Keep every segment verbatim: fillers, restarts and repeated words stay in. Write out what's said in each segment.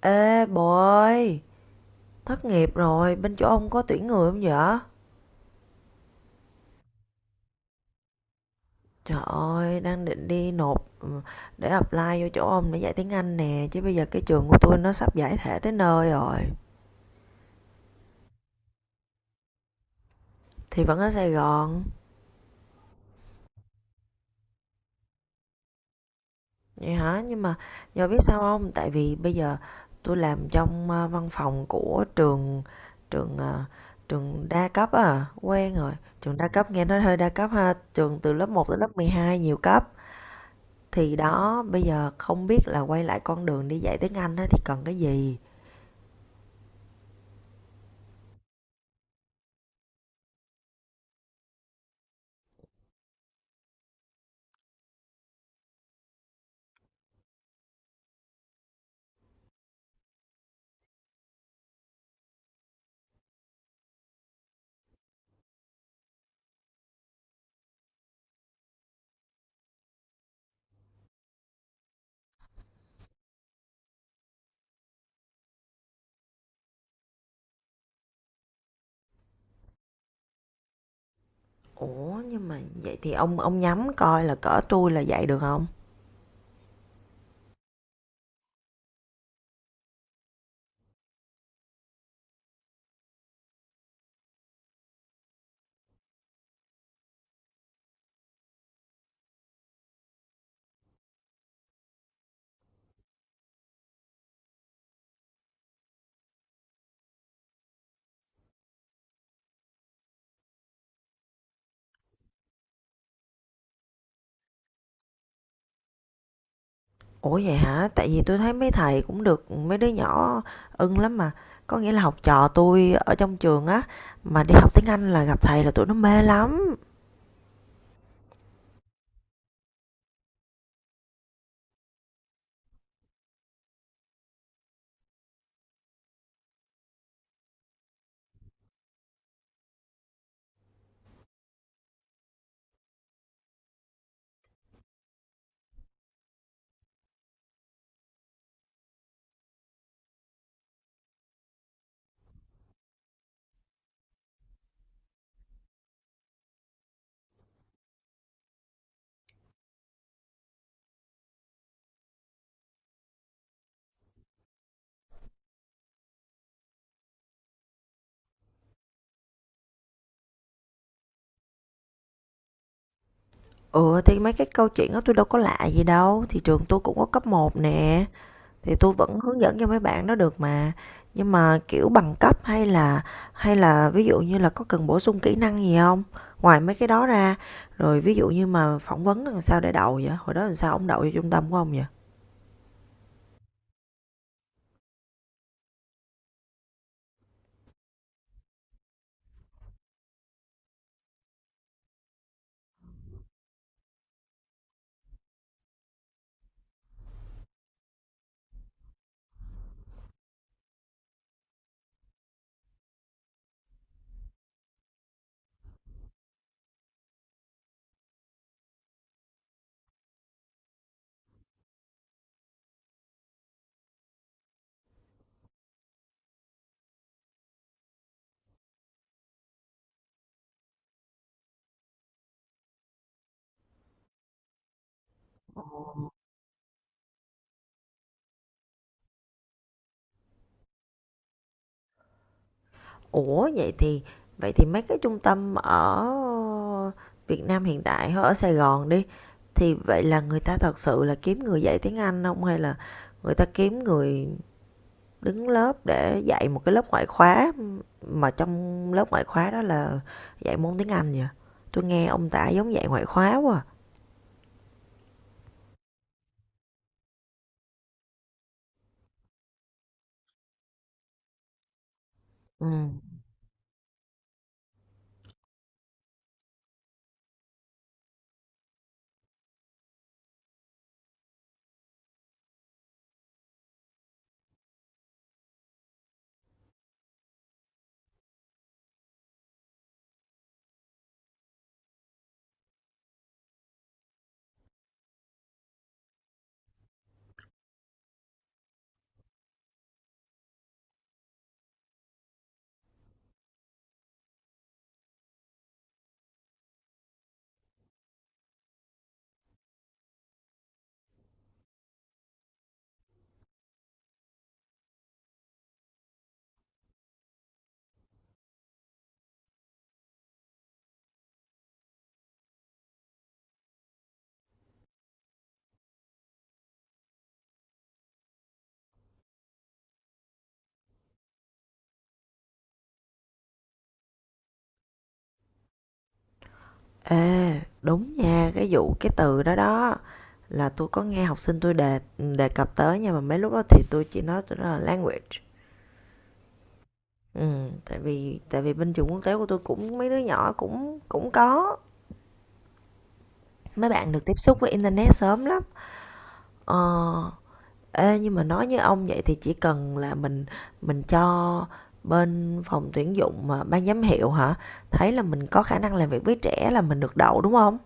Ê bồ ơi, thất nghiệp rồi, bên chỗ ông có tuyển người không vậy? Trời ơi, đang định đi nộp ừ, để apply vô chỗ ông để dạy tiếng Anh nè, chứ bây giờ cái trường của tôi nó sắp giải thể tới nơi rồi. Thì vẫn ở Sài Gòn. Vậy hả? Nhưng mà giờ biết sao không? Tại vì bây giờ tôi làm trong ờ, văn phòng của trường, trường ờ, trường đa cấp à, quen rồi. Trường đa cấp nghe nói hơi đa cấp ha, trường từ lớp một tới lớp mười hai nhiều cấp. Thì đó, bây giờ không biết là quay lại con đường đi dạy tiếng Anh á thì cần cái gì? Ủa, nhưng mà vậy thì ông ông nhắm coi là cỡ tôi là dạy được không? Ủa vậy hả? Tại vì tôi thấy mấy thầy cũng được mấy đứa nhỏ ưng lắm mà, có nghĩa là học trò tôi ở trong trường á, mà đi học tiếng Anh là gặp thầy là tụi nó mê lắm. Ừ, thì mấy cái câu chuyện đó tôi đâu có lạ gì đâu, thì trường tôi cũng có cấp một nè, thì tôi vẫn hướng dẫn cho mấy bạn nó được mà. Nhưng mà kiểu bằng cấp, hay là hay là ví dụ như là có cần bổ sung kỹ năng gì không, ngoài mấy cái đó ra. Rồi ví dụ như mà phỏng vấn làm sao để đậu vậy? Hồi đó làm sao ông đậu cho trung tâm của ông vậy? Ủa vậy thì vậy thì mấy cái trung tâm ở Việt Nam hiện tại ở Sài Gòn đi, thì vậy là người ta thật sự là kiếm người dạy tiếng Anh không, hay là người ta kiếm người đứng lớp để dạy một cái lớp ngoại khóa, mà trong lớp ngoại khóa đó là dạy môn tiếng Anh vậy. Tôi nghe ông tả giống dạy ngoại khóa quá. Ừ. Ê, đúng nha, cái vụ cái từ đó đó, là tôi có nghe học sinh tôi đề đề cập tới, nhưng mà mấy lúc đó thì tôi chỉ nói, tôi nói là language. Ừ, tại vì tại vì bên trường quốc tế của tôi cũng mấy đứa nhỏ cũng cũng có mấy bạn được tiếp xúc với internet sớm lắm. Ờ, Ê, nhưng mà nói như ông vậy thì chỉ cần là mình mình cho bên phòng tuyển dụng mà ban giám hiệu hả? Thấy là mình có khả năng làm việc với trẻ là mình được đậu đúng không?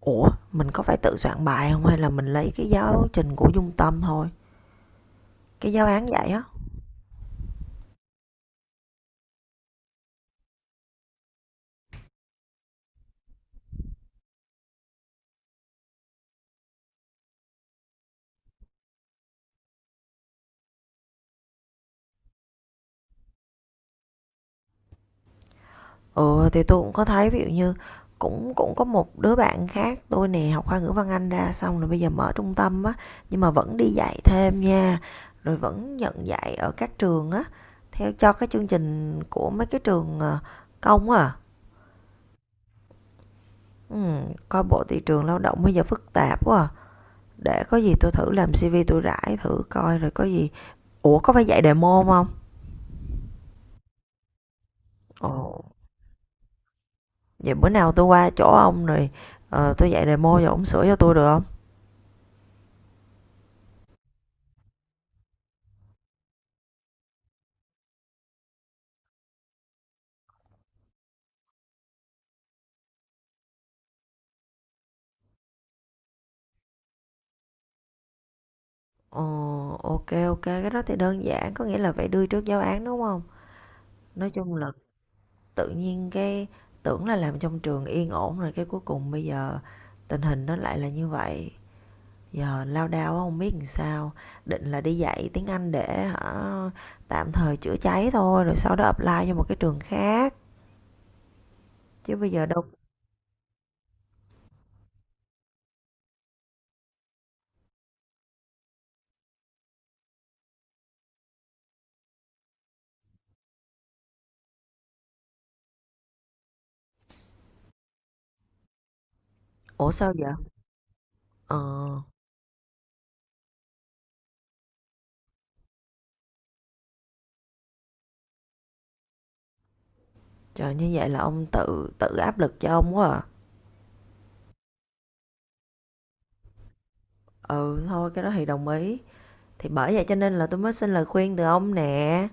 Ủa, mình có phải tự soạn bài không hay là mình lấy cái giáo trình của Dung Tâm thôi? Cái giáo án vậy á. Ừ, thì tôi cũng có thấy ví dụ như cũng cũng có một đứa bạn khác tôi nè học khoa ngữ văn Anh ra, xong rồi bây giờ mở trung tâm á, nhưng mà vẫn đi dạy thêm nha, rồi vẫn nhận dạy ở các trường á, theo cho cái chương trình của mấy cái trường ờ, công á. Ừ, coi bộ thị trường lao động bây giờ phức tạp quá à. Để có gì tôi thử làm si vi tôi rải thử coi rồi có gì. Ủa có phải dạy demo không? Ồ, vậy bữa nào tôi qua chỗ ông rồi, ờ, tôi dạy demo cho ông sửa cho tôi được không? Ờ, ok, ok, cái đó thì đơn giản, có nghĩa là phải đưa trước giáo án, đúng không? Nói chung là tự nhiên cái, tưởng là làm trong trường yên ổn rồi cái cuối cùng bây giờ tình hình nó lại là như vậy. Giờ lao đao quá không biết làm sao, định là đi dạy tiếng Anh để hả, tạm thời chữa cháy thôi rồi sau đó apply cho một cái trường khác, chứ bây giờ đâu. Ủa sao vậy? Ờ, Trời, như vậy là ông tự tự áp lực cho ông quá à. Ừ, thôi cái đó thì đồng ý. Thì bởi vậy cho nên là tôi mới xin lời khuyên từ ông nè.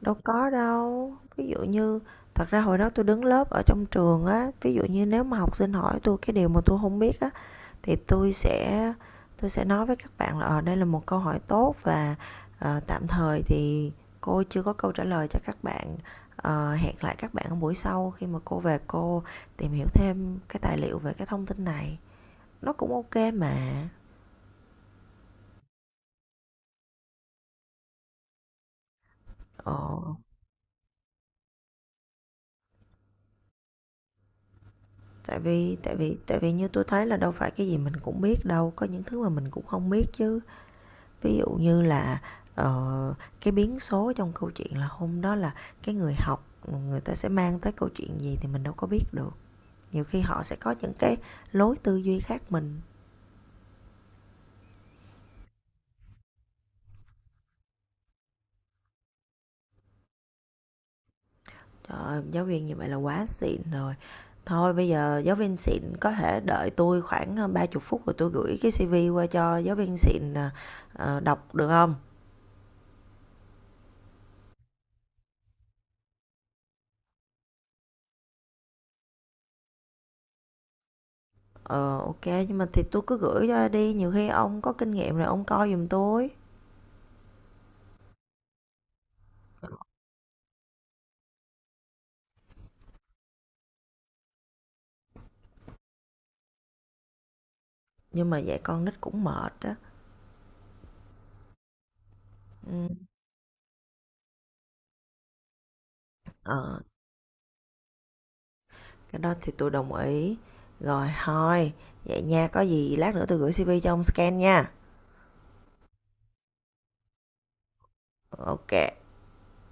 Đâu có đâu. Ví dụ như, thật ra hồi đó tôi đứng lớp ở trong trường á, ví dụ như nếu mà học sinh hỏi tôi cái điều mà tôi không biết á, thì tôi sẽ tôi sẽ nói với các bạn là ờ đây là một câu hỏi tốt, và ờ, tạm thời thì cô chưa có câu trả lời cho các bạn. Ờ, hẹn lại các bạn ở buổi sau khi mà cô về, cô tìm hiểu thêm cái tài liệu về cái thông tin này. Nó cũng ok mà. Ờ. Tại vì tại vì tại vì như tôi thấy là đâu phải cái gì mình cũng biết đâu, có những thứ mà mình cũng không biết chứ. Ví dụ như là, ờ, cái biến số trong câu chuyện là hôm đó là cái người học, người ta sẽ mang tới câu chuyện gì thì mình đâu có biết được. Nhiều khi họ sẽ có những cái lối tư duy khác mình. Trời ơi, giáo viên như vậy là quá xịn rồi. Thôi bây giờ giáo viên xịn có thể đợi tôi khoảng, ờ, ba 30 phút rồi tôi gửi cái si vi qua cho giáo viên xịn, ờ, ờ, đọc được không? Ờ, OK, nhưng mà thì tôi cứ gửi cho đi, nhiều khi ông có kinh nghiệm rồi ông coi giùm tôi. Nhưng mà dạy con nít cũng mệt đó. Ừ. Ờ, cái đó thì tôi đồng ý. Rồi thôi, vậy nha, có gì lát nữa tôi gửi xê vê cho ông scan nha. Ok.